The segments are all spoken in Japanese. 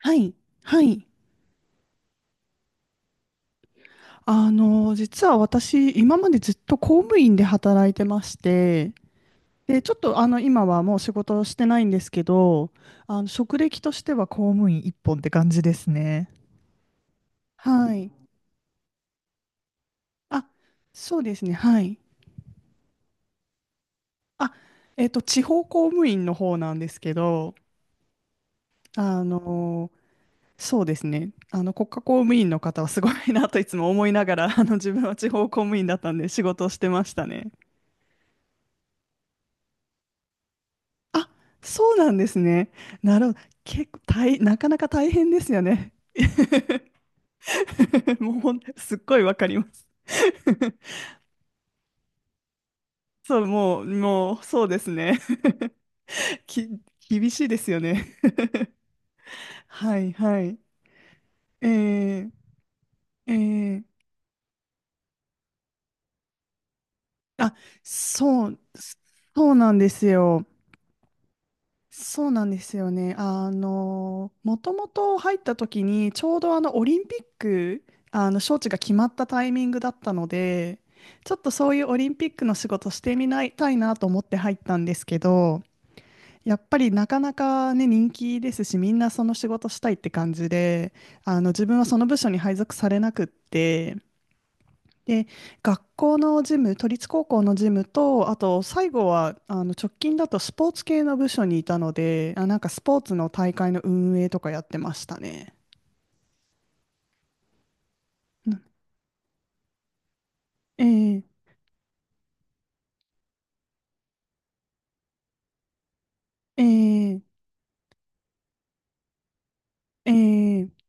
はい。はい。実は私、今までずっと公務員で働いてまして、で、ちょっと今はもう仕事をしてないんですけど、職歴としては公務員一本って感じですね。はい。あ、そうですね。はい。あ、地方公務員の方なんですけど、あの、そうですね。国家公務員の方はすごいなといつも思いながら、自分は地方公務員だったんで仕事をしてましたね。あ、そうなんですね。なるほど。結構大、なかなか大変ですよね。もうすっごいわかります。そう、もう、そうですね。き、厳しいですよね。はい、はい。えー、えー、あ、そう、そうなんですよ。そうなんですよね。もともと入った時に、ちょうどあのオリンピック、あの招致が決まったタイミングだったので、ちょっとそういうオリンピックの仕事してみないたいなと思って入ったんですけど、やっぱりなかなかね、人気ですし、みんなその仕事したいって感じで、自分はその部署に配属されなくって、で、学校のジム、都立高校のジムと、あと最後は直近だとスポーツ系の部署にいたので、あ、なんかスポーツの大会の運営とかやってましたね。うんええええええ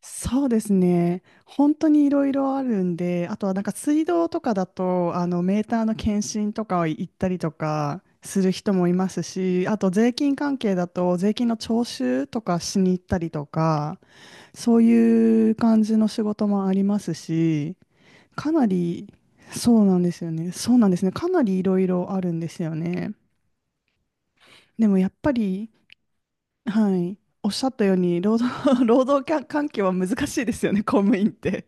そうですね。本当にいろいろあるんで、あとはなんか水道とかだと、あのメーターの検診とか行ったりとかする人もいますし、あと税金関係だと税金の徴収とかしに行ったりとか、そういう感じの仕事もありますし、かなり、そうなんですよね。そうなんですね。かなりいろいろあるんですよね。でもやっぱり、はい、おっしゃったように、労働、労働環環境は難しいですよね、公務員って。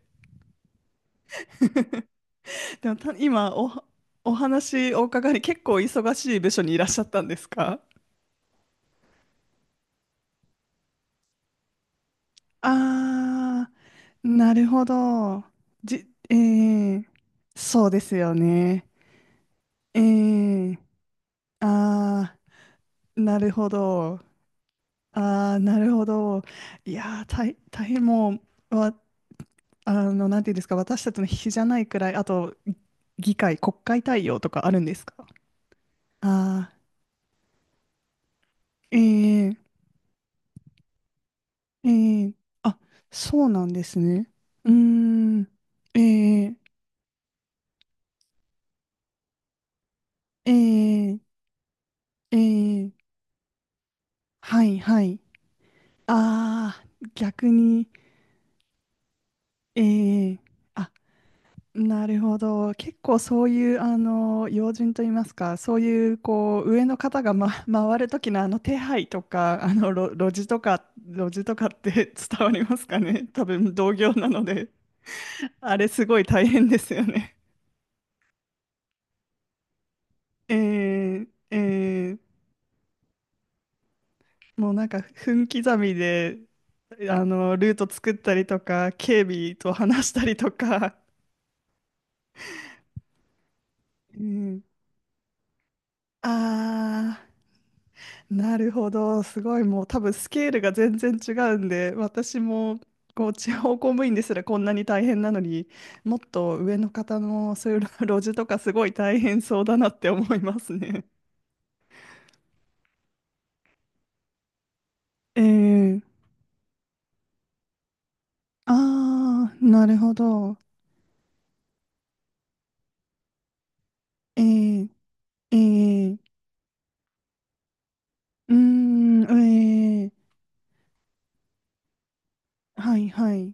でもた今お、お話お伺いに結構忙しい部署にいらっしゃったんですか？あー、なるほど。じ、えー、そうですよね。えー、あーなるほど。ああ、なるほど。いやー、大変もう、わ、あの、なんていうんですか、私たちの比じゃないくらい、あと、議会、国会対応とかあるんですか？ああー、ええええあ、そうなんですね。うーん、ええええええはい、はい。ああ、逆に、ええあ、なるほど。結構そういう要人といいますか、そういうこう上の方が、ま、回る時の手配とか、あの路地とか、路地とかって 伝わりますかね。多分同業なので、あれすごい大変ですよね。えー、えー、もうなんか分刻みでルート作ったりとか、警備と話したりとか。うん、ああ。なるほど、すごいもう多分スケールが全然違うんで、私もこう地方公務員ですらこんなに大変なのに、もっと上の方のそういう路地とかすごい大変そうだなって思いますね。ええああー、なるほど。ええええうーん、ええはいはい。う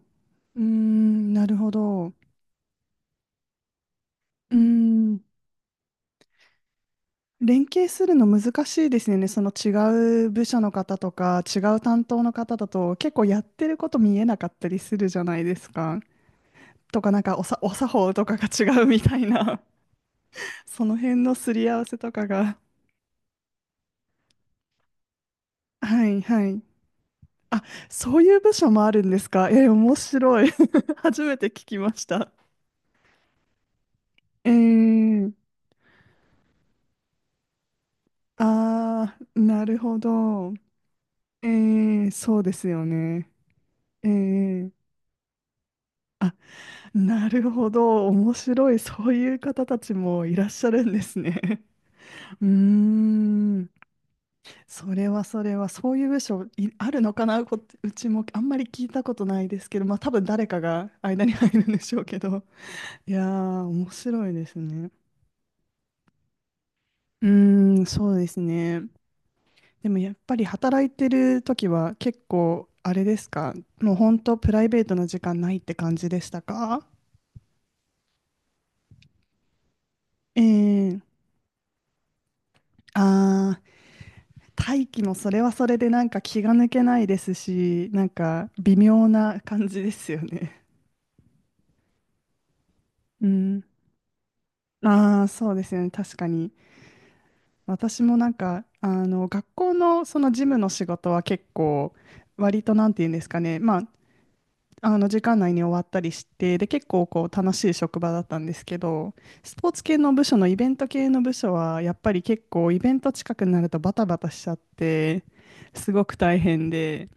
ーん、なるほど。うーん、連携するの難しいですよね。その違う部署の方とか、違う担当の方だと、結構やってること見えなかったりするじゃないですか。とか、なんかお作法とかが違うみたいな、その辺のすり合わせとかが。はいはい。あ、そういう部署もあるんですか。えー、面白い。初めて聞きました。えー、あー、なるほど。えそうですよね。えーなるほど。面白い。そういう方たちもいらっしゃるんですね。うーん。それはそれは、そういう部署いあるのかなうちもあんまり聞いたことないですけど、まあ多分誰かが間に入るんでしょうけど。いやー、面白いですね。うーん、そうですね。でもやっぱり働いてる時は結構、あれですか？もう本当プライベートな時間ないって感じでしたか？ええああー。大気もそれはそれでなんか気が抜けないですし、なんか微妙な感じですよね。うん。ああ、そうですよね。確かに。私もなんか、学校のその事務の仕事は結構、割となんて言うんですかね。まあ、時間内に終わったりして、で、結構こう楽しい職場だったんですけど、スポーツ系の部署のイベント系の部署は、やっぱり結構イベント近くになるとバタバタしちゃって、すごく大変で、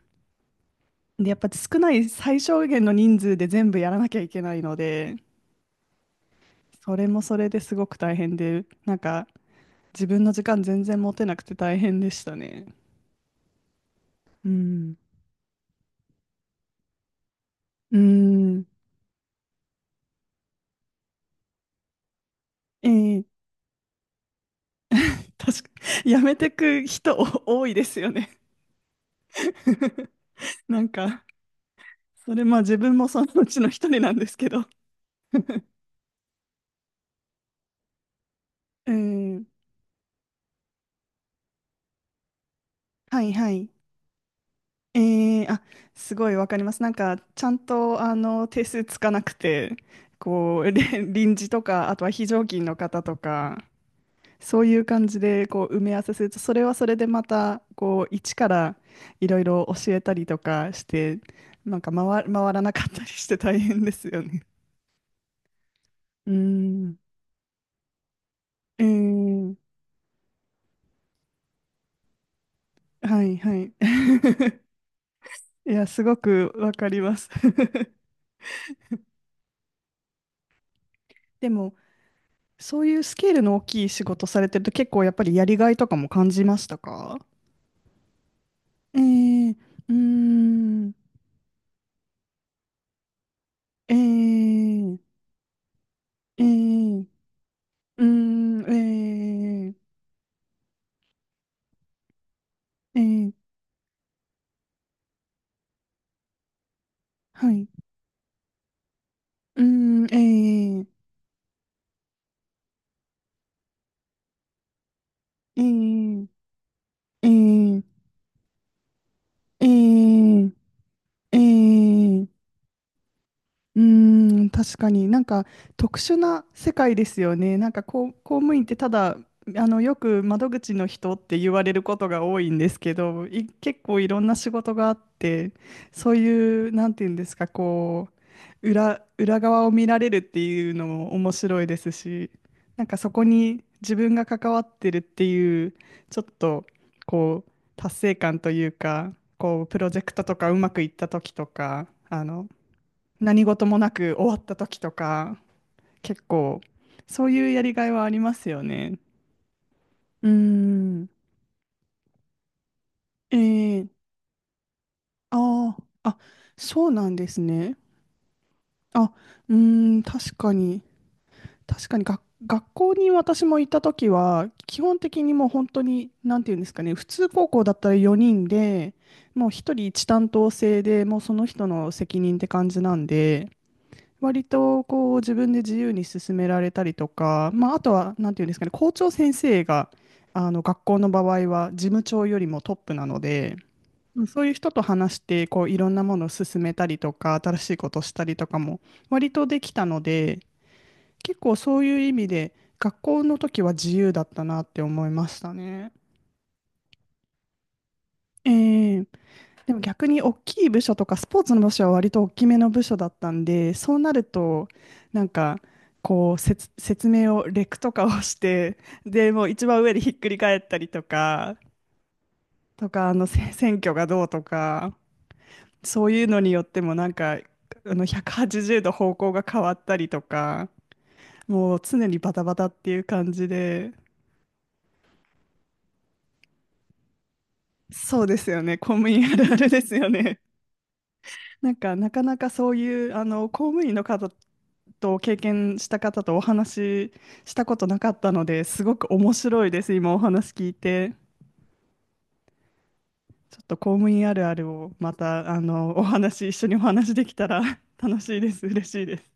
で、やっぱ少ない最小限の人数で全部やらなきゃいけないので、それもそれですごく大変で、なんか自分の時間全然持てなくて大変でしたね。うん。うん。ええ確か、やめてく人多いですよね。なんか、それまあ自分もそのうちの一人なんですけど。うん。はいはい。ええあ、すごいわかります。なんか、ちゃんと、定数つかなくて、こう、臨時とか、あとは非常勤の方とか、そういう感じで、こう、埋め合わせすると、それはそれでまた、こう、一からいろいろ教えたりとかして、なんか回らなかったりして大変ですよね。うーん。ええはい、はい。いや、すごくわかります。でも、そういうスケールの大きい仕事されてると結構やっぱりやりがいとかも感じましたか？えー、うーん、えー、えー、うーん、えー、えー、はい、うーん、えー、えー、えー、えー、えー、えーうーん、確かになんか特殊な世界ですよね。なんかこう公務員ってただよく窓口の人って言われることが多いんですけど、結構いろんな仕事があって、そういうなんていうんですか、こう裏側を見られるっていうのも面白いですし、なんかそこに自分が関わってるっていうちょっとこう達成感というか、こうプロジェクトとかうまくいった時とか、何事もなく終わった時とか、結構、そういうやりがいはありますよね。うーん。えー、あーあ、そうなんですね。あ、うーん、確かにが、学校に私も行った時は、基本的にもう本当に、なんていうんですかね、普通高校だったら4人で、もう一人一担当制で、もうその人の責任って感じなんで、割とこう自分で自由に進められたりとか、まあ、あとはなんていうんですかね、校長先生が学校の場合は事務長よりもトップなので、うんそういう人と話してこういろんなものを進めたりとか、新しいことをしたりとかも割とできたので、結構そういう意味で学校の時は自由だったなって思いましたね。ええでも逆に大きい部署とかスポーツの部署は割と大きめの部署だったんでそうなるとなんかこう説明をレクとかをしてでもう一番上でひっくり返ったりとかとかあのせ選挙がどうとかそういうのによってもなんか180度方向が変わったりとかもう常にバタバタっていう感じで、そうですよね、公務員あるあるですよね。なんか、なかなかそういう、公務員の方と経験した方とお話ししたことなかったので、すごく面白いです。今お話聞いて。ちょっと公務員あるあるをまた、お話、一緒にお話できたら 楽しいです。嬉しいです。